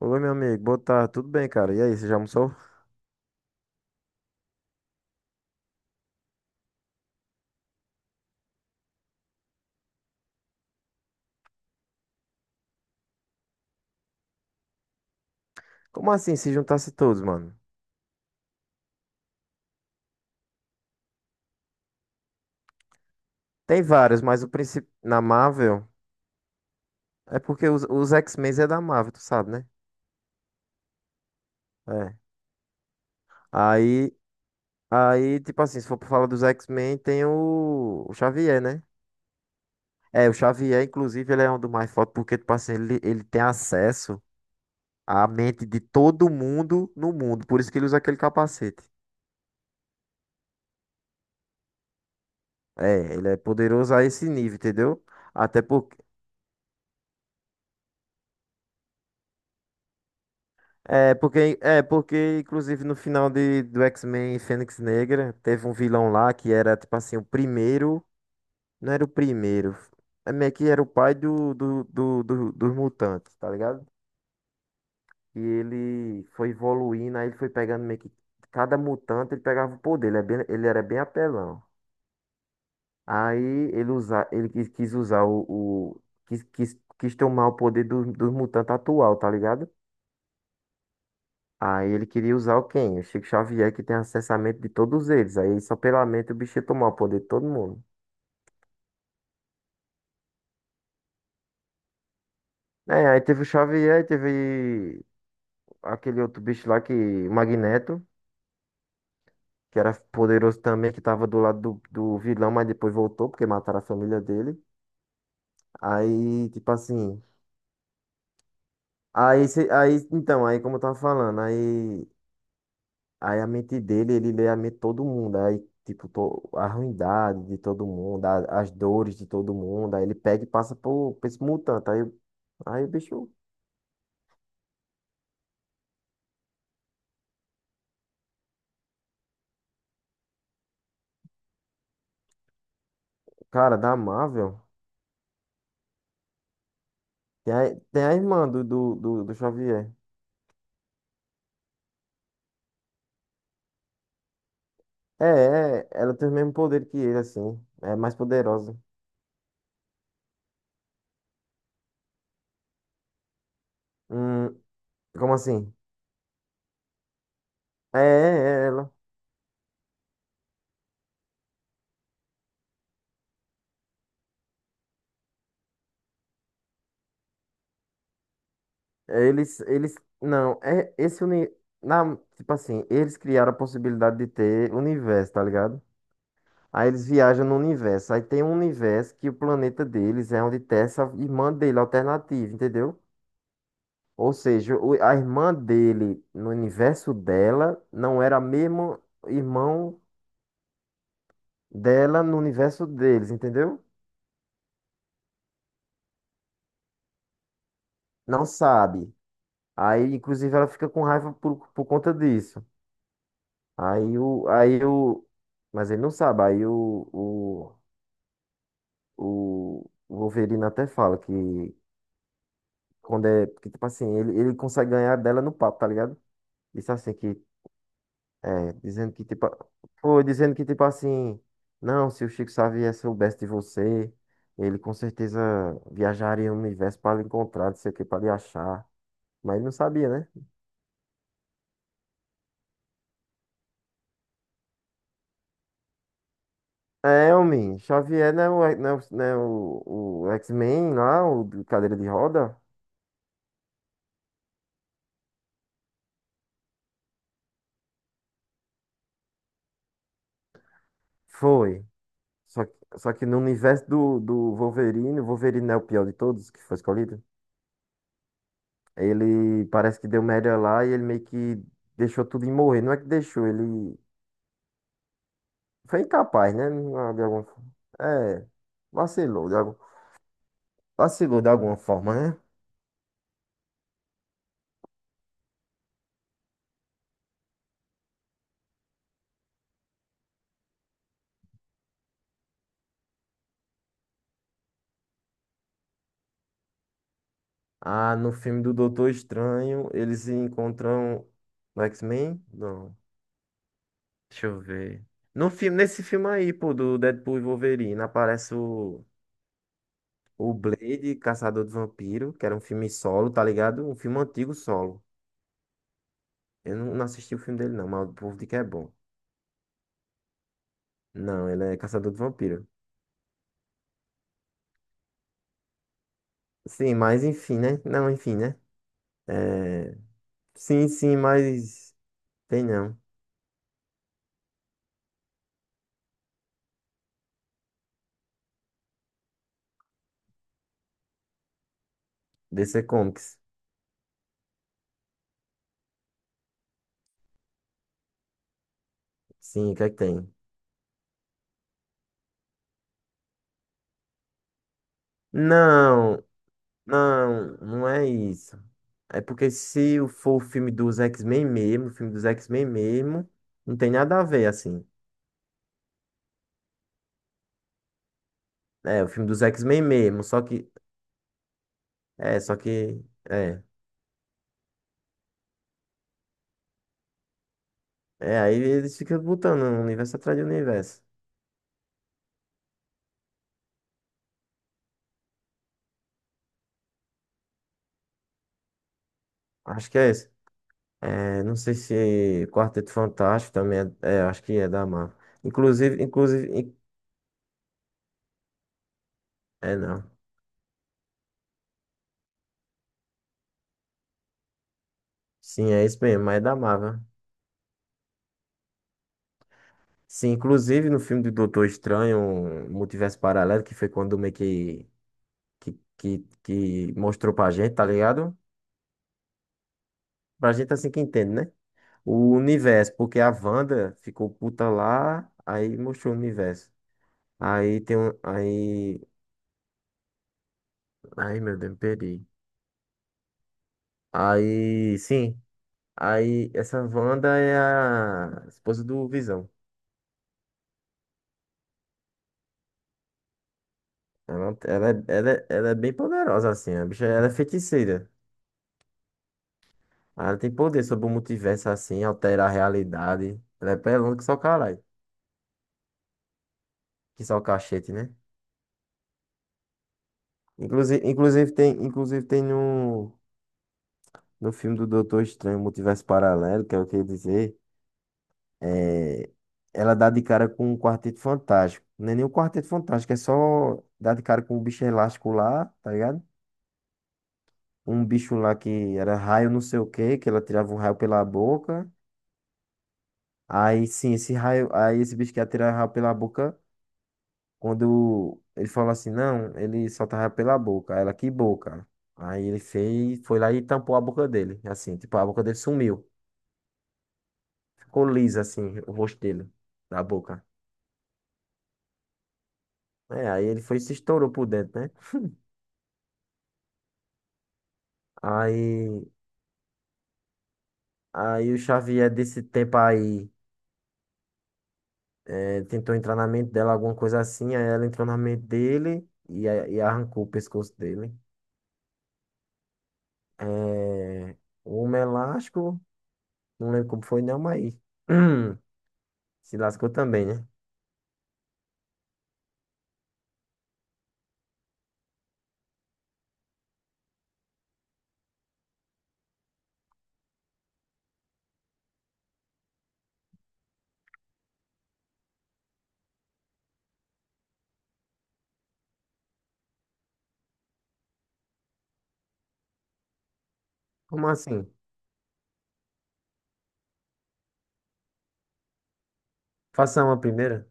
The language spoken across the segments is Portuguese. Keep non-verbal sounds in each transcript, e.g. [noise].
Oi, meu amigo, boa tarde, tudo bem, cara? E aí, você já almoçou? Como assim, se juntasse todos, mano? Tem vários, mas o principal na Marvel é porque os X-Men é da Marvel, tu sabe, né? É. Aí, tipo assim, se for pra falar dos X-Men, tem o Xavier, né? É, o Xavier, inclusive, ele é um dos mais fortes porque, tipo assim, ele tem acesso à mente de todo mundo no mundo, por isso que ele usa aquele capacete. É, ele é poderoso a esse nível, entendeu? Até por. É porque, inclusive, no final do X-Men Fênix Negra, teve um vilão lá que era, tipo assim, o primeiro. Não era o primeiro. É meio que era o pai dos mutantes, tá ligado? E ele foi evoluindo, aí ele foi pegando meio que. Cada mutante ele pegava o poder, ele, ele era bem apelão. Aí ele, ele quis usar o. o- quis tomar o poder dos mutantes atual, tá ligado? Aí ele queria usar o quem? O Chico Xavier, que tem acesso à mente de todos eles. Aí só pela mente o bicho ia tomar o poder de todo mundo. É, aí teve o Xavier, aí teve aquele outro bicho lá que, o Magneto, que era poderoso também, que tava do lado do vilão, mas depois voltou, porque mataram a família dele. Aí, tipo assim. Aí, então, aí como eu tava falando, aí. Aí a mente dele, ele lê a mente de todo mundo. Aí, tipo, a ruindade de todo mundo, as dores de todo mundo. Aí ele pega e passa por esse mutante. Aí, o bicho, cara, da Marvel. Tem a irmã do Xavier. É, ela tem o mesmo poder que ele, assim. É mais poderosa. Hum, como assim? É ela. Eles, eles, não, tipo assim, eles criaram a possibilidade de ter universo, tá ligado? Aí eles viajam no universo. Aí tem um universo que o planeta deles é onde tem essa irmã dele alternativa, entendeu? Ou seja, a irmã dele no universo dela não era a mesma irmão dela no universo deles, entendeu? Não sabe. Aí, inclusive, ela fica com raiva por conta disso. Aí o, aí o, mas ele não sabe. Aí o Wolverine até fala que quando é, que tipo assim, ele consegue ganhar dela no papo, tá ligado? Disse assim que, é, dizendo que tipo, foi dizendo que tipo assim, não, se o Chico Xavier soubesse de você, ele com certeza viajaria no universo para lhe encontrar, não sei o que, para lhe achar. Mas ele não sabia, né? É, homem, Xavier não é o, o X-Men lá, o de cadeira de roda? Foi. Só que no universo do Wolverine, o Wolverine não é o pior de todos que foi escolhido. Ele parece que deu merda lá e ele meio que deixou tudo em morrer. Não é que deixou, ele foi incapaz, né? De alguma forma. É, vacilou de, algum... vacilou de alguma forma, né? Ah, no filme do Doutor Estranho, eles encontram no X-Men? Não, deixa eu ver. No filme, nesse filme aí, pô, do Deadpool e Wolverine, aparece o, Blade, Caçador dos Vampiros, que era um filme solo, tá ligado? Um filme antigo solo. Eu não assisti o filme dele, não, mas o povo diz que é bom. Não, ele é Caçador dos Vampiros. Sim, mas enfim, né? Não, enfim, né? É... Sim, sim, mas. Tem não. DC Comics. Sim, o que é que tem? Não, não, não é isso. É porque se for o filme dos X-Men mesmo, o filme dos X-Men mesmo, não tem nada a ver, assim. É, o filme dos X-Men mesmo, só que. É, só que. É. É, aí eles ficam botando um universo atrás de universo. Acho que é esse. É, não sei se Quarteto Fantástico também é. É, acho que é da Marvel. Inclusive. É, não. Sim, é isso mesmo, mas é da Marvel. Sim, inclusive no filme do Doutor Estranho, um Multiverso Paralelo, que foi quando meio que mostrou pra gente, tá ligado? Pra gente assim que entende, né? O universo, porque a Wanda ficou puta lá, aí mostrou o universo. Aí tem um. Aí. Ai, meu Deus, me perdi. Aí, sim. Aí, essa Wanda é a esposa do Visão. Ela é bem poderosa, assim. A bicha, ela é feiticeira. Ela tem poder sobre o multiverso assim, altera a realidade. Ela é pelona que só caralho. Que só cachete, né? Inclusive tem no filme do Doutor Estranho, Multiverso Paralelo, que é o que eu ia dizer. É, ela dá de cara com um Quarteto Fantástico. Não é nem um Quarteto Fantástico, é só dar de cara com um bicho elástico lá, tá ligado? Um bicho lá que era raio não sei o quê, que ela tirava um raio pela boca. Aí sim, esse raio, aí esse bicho que ia tirar raio pela boca. Quando ele falou assim, não, ele só tava pela boca. Aí ela, que boca? Aí ele fez, foi lá e tampou a boca dele, assim, tipo, a boca dele sumiu. Ficou lisa, assim, o rosto dele, da boca. É, aí ele foi e se estourou por dentro, né? Aí, aí, o Xavier desse tempo aí é, tentou entrar na mente dela, alguma coisa assim, aí ela entrou na mente dele e, e arrancou o pescoço dele. É, o homem elástico, não lembro como foi não, mas [clears throat] se lascou também, né? Como assim? Faça uma primeira?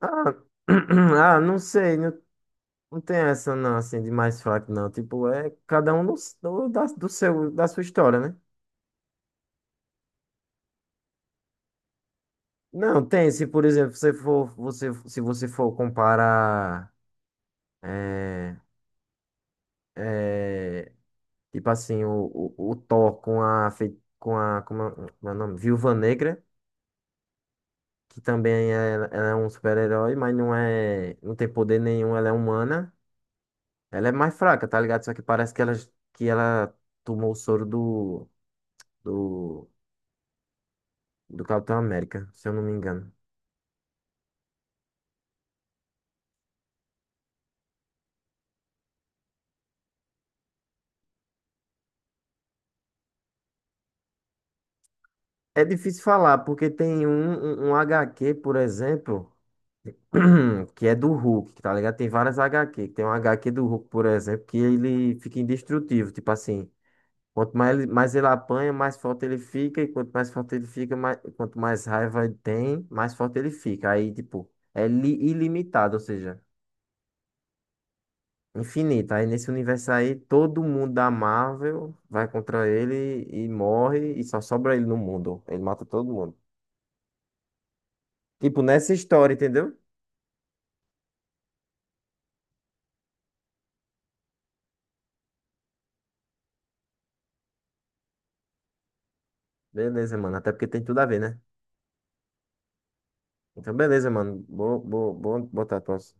Ah, [clears throat] ah, não sei, não, não tem essa não, assim, de mais fraco não. Tipo, é cada um do, do, da, do seu, da sua história, né? Não, tem, se por exemplo, você, se você for comparar, é, é, tipo assim, o Thor com a, como é o nome? Viúva Negra, que também é, ela é um super-herói, mas não é, não tem poder nenhum, ela é humana. Ela é mais fraca, tá ligado? Só que parece que que ela tomou o soro do, do Capitão América, se eu não me engano. É difícil falar, porque tem um HQ, por exemplo, [clears throat] que é do Hulk, tá ligado? Tem várias HQ. Tem um HQ do Hulk, por exemplo, que ele fica indestrutível. Tipo assim, quanto mais ele apanha, mais forte ele fica. E quanto mais forte ele fica, quanto mais raiva ele tem, mais forte ele fica. Aí, tipo, ilimitado, ou seja. Infinita. Aí nesse universo aí, todo mundo da Marvel vai contra ele e morre e só sobra ele no mundo. Ele mata todo mundo. Tipo, nessa história, entendeu? Beleza, mano. Até porque tem tudo a ver, né? Então, beleza, mano. Boa, boa, boa, boa tatuagem.